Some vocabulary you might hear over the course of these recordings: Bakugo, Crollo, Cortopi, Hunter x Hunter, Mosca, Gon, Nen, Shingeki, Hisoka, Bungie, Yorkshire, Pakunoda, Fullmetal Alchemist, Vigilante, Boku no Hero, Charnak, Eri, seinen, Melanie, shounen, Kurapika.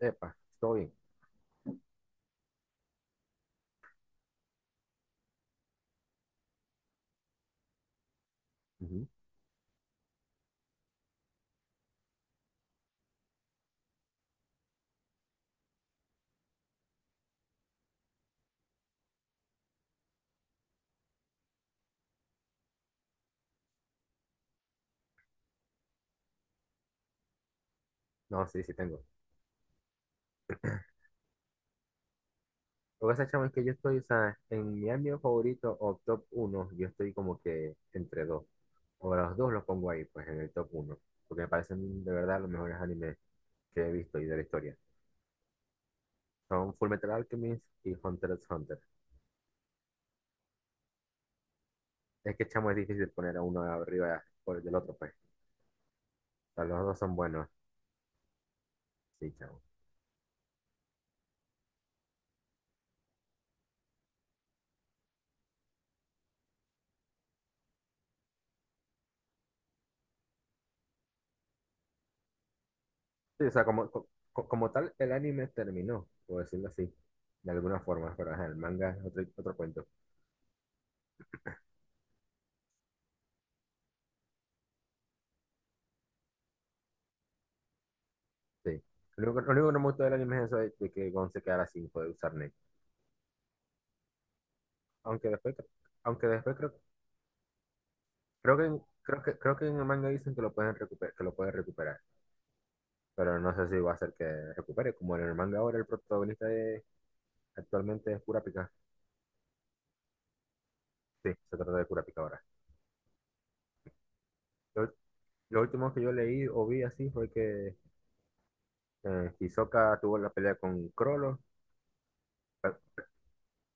Epa, todo bien. Ujú. No, sí, sí tengo. Lo que pasa, chamo, es que yo estoy, o sea, en mi ámbito favorito o top uno, yo estoy como que entre dos. O los dos los pongo ahí, pues, en el top uno, porque me parecen de verdad los mejores animes que he visto y de la historia. Son Fullmetal Alchemist y Hunter x Hunter. Es que, chamo, es difícil poner a uno arriba por el del otro, pues. O sea, los dos son buenos. Sí, chamo. Sí, o sea, como, como, tal, el anime terminó, por decirlo así, de alguna forma. Pero ajá, el manga es otro, otro cuento. Sí. Lo único que no me gustó del anime es eso de que Gon se quedara sin poder usar Nen. Aunque después, cre- aunque después creo que en el manga dicen que lo pueden recuperar, que lo puede recuperar. Pero no sé si va a ser que recupere. Como en el manga ahora el protagonista actualmente es Kurapika. Sí, se trata de Kurapika ahora. Lo, lo último que yo leí o vi así fue que Hisoka tuvo la pelea con Crollo. Per-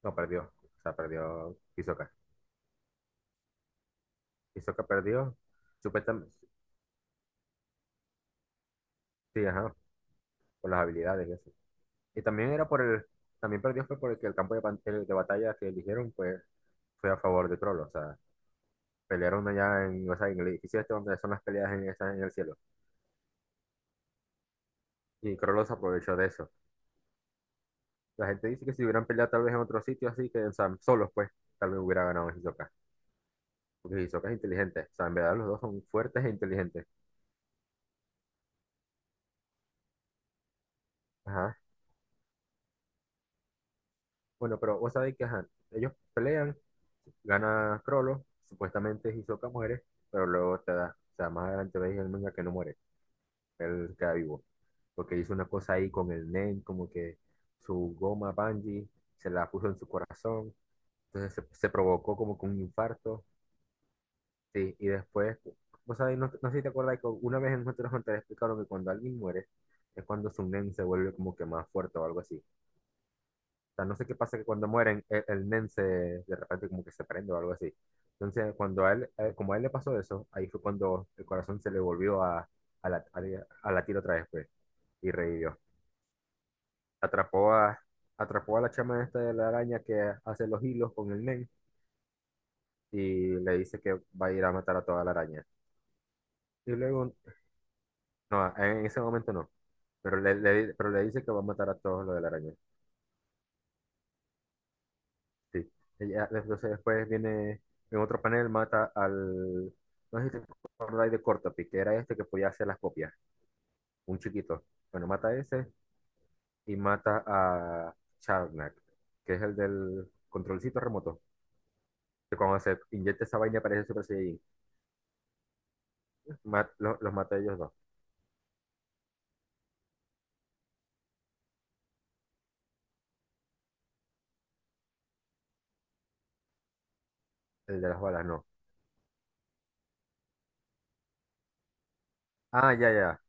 no, perdió. O sea, perdió Hisoka. Hisoka perdió. Supuestamente. Sí, ajá. Por las habilidades. Y también perdió fue porque el campo de, el de batalla que eligieron, pues, fue a favor de Crollo, o sea, pelearon allá en, o sea, en el edificio este donde son las peleas en, en el cielo. Y Crollo se aprovechó de eso. La gente dice que si hubieran peleado tal vez en otro sitio así, que, o sea, solos, pues, tal vez hubiera ganado Hisoka. Porque Hisoka es inteligente, o sea, en verdad los dos son fuertes e inteligentes. Ajá. Bueno, pero vos sabéis que ajá, ellos pelean, gana Crollo, supuestamente Hisoka muere, pero luego te da, o sea, más adelante veis en el manga que no muere, él queda vivo, porque hizo una cosa ahí con el Nen como que su goma Bungie se la puso en su corazón. Entonces, se provocó como con un infarto. Sí, y después, vos sabés, no, no sé si te acuerdas que una vez en Hunter x Hunter explicaron que cuando alguien muere, es cuando su Nen se vuelve como que más fuerte o algo así. O sea, no sé qué pasa que cuando mueren, el NEM se, de repente como que se prende o algo así. Entonces, cuando a él, como a él le pasó eso, ahí fue cuando el corazón se le volvió a, la- a, a latir otra vez, pues, y revivió. atrapó a, atrapó a la chama esta de la araña que hace los hilos con el men y le dice que va a ir a matar a toda la araña. Y luego, no, en ese momento no, pero le dice que va a matar a todos los de la araña. Sí. Ella, entonces después viene en otro panel, mata al, no sé si te acordáis de Cortopi, que era este que podía hacer las copias, un chiquito. Bueno, mata a ese y mata a Charnak, que es el del controlcito remoto, que cuando se inyecta esa vaina parece Super Saiyajin. Los maté a ellos dos. El de las balas, no. Ah, ya, ya.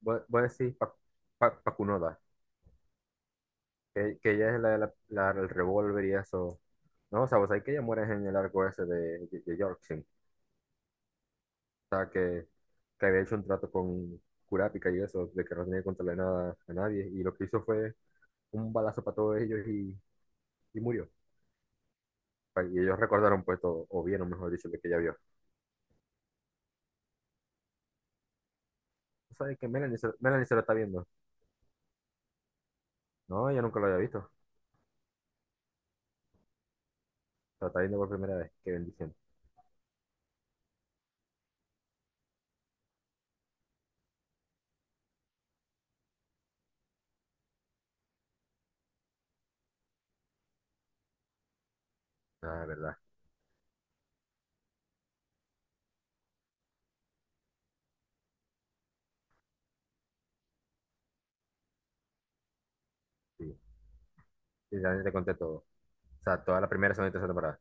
Voy a decir Pakunoda, que ella es el revólver y eso. No, o sea, vos sabés que ella muere en el arco ese de Yorkshire. O sea, que había hecho un trato con Kurapika y eso, de que no tenía que contarle nada a nadie. Y lo que hizo fue un balazo para todos ellos y murió. Y ellos recordaron, pues, todo, o vieron, mejor dicho, lo que ella vio. O sea, que Melanie se lo está viendo. No, yo nunca lo había visto. Lo está viendo por primera vez. Qué bendición. Ah, verdad. Sí. Y ya te conté todo. O sea, toda la primera, segunda y tercera temporada.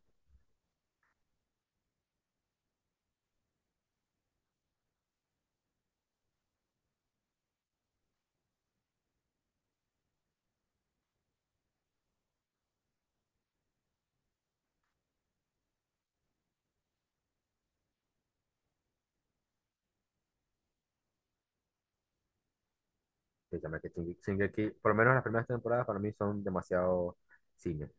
Que ya me que Shingeki, por lo menos las primeras temporadas para mí son demasiado cine.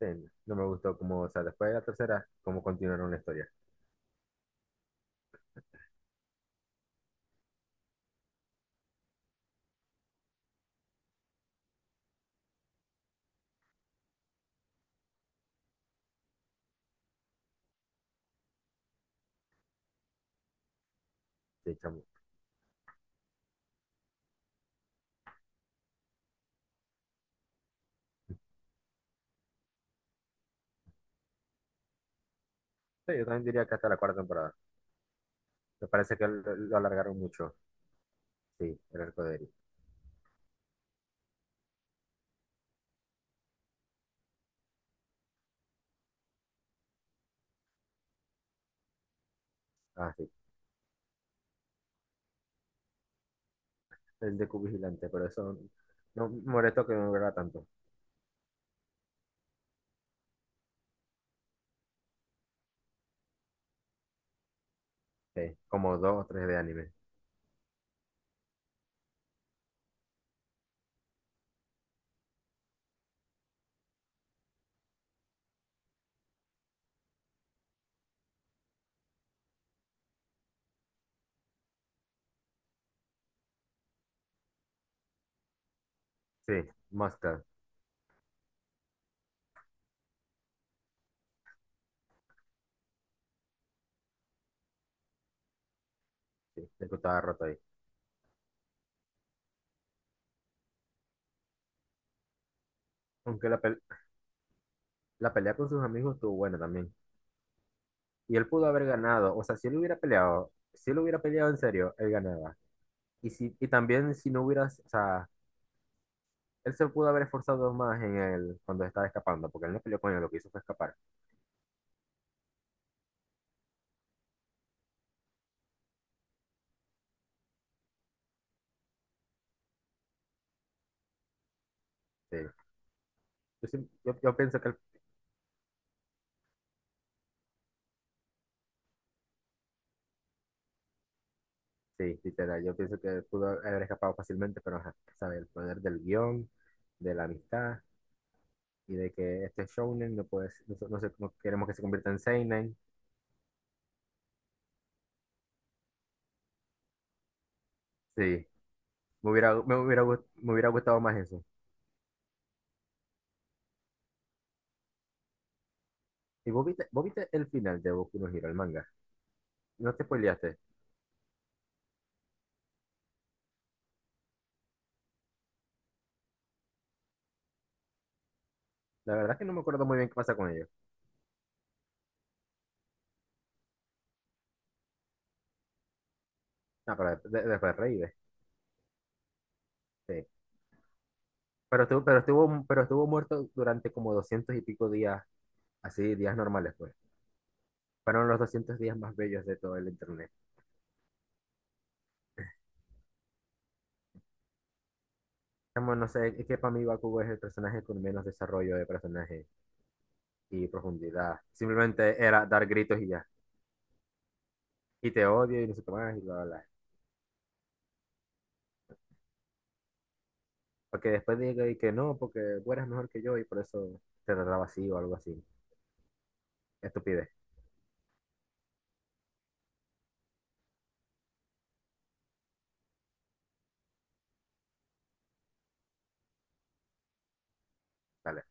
Sí, no me gustó como, o sea, después de la tercera, cómo continuaron la historia. Sí, chamo. Sí, yo también diría que hasta la cuarta temporada. Me parece que lo alargaron mucho. Sí, el arco de Eri. Ah, sí. El de Q Vigilante, pero eso no me molestó que no durara tanto. Sí, como dos o tres de anime. Sí, Mosca. Sí, el que estaba roto ahí. Aunque la pelea con sus amigos estuvo buena también. Y él pudo haber ganado. O sea, si él hubiera peleado, si él hubiera peleado en serio, él ganaba. Y también si no hubiera, o sea, él se pudo haber esforzado más en el, cuando estaba escapando, porque él no peleó con él, lo que hizo fue escapar. Sí. Yo pienso que él, sí, literal, yo pienso que pudo haber escapado fácilmente, pero ajá, sabe, el poder del guión, de la amistad y de que este shounen no puede, no, no, no queremos que se convierta en seinen. Sí, me hubiera gustado más eso. ¿Y vos viste el final de Boku no Hero, el manga? No te spoileaste. La verdad es que no me acuerdo muy bien qué pasa con ellos. Ah, pero después reí, sí. Pero estuvo muerto durante como 200 y pico días, así, días normales, pues. Fueron los 200 días más bellos de todo el internet. Chamo, no sé, es que para mí Bakugo es el personaje con menos desarrollo de personaje y profundidad. Simplemente era dar gritos y ya. Y te odio y no sé qué más y bla, bla, bla. Porque después diga y que no, porque tú eres mejor que yo y por eso te trataba así o algo así. Estupidez, dale.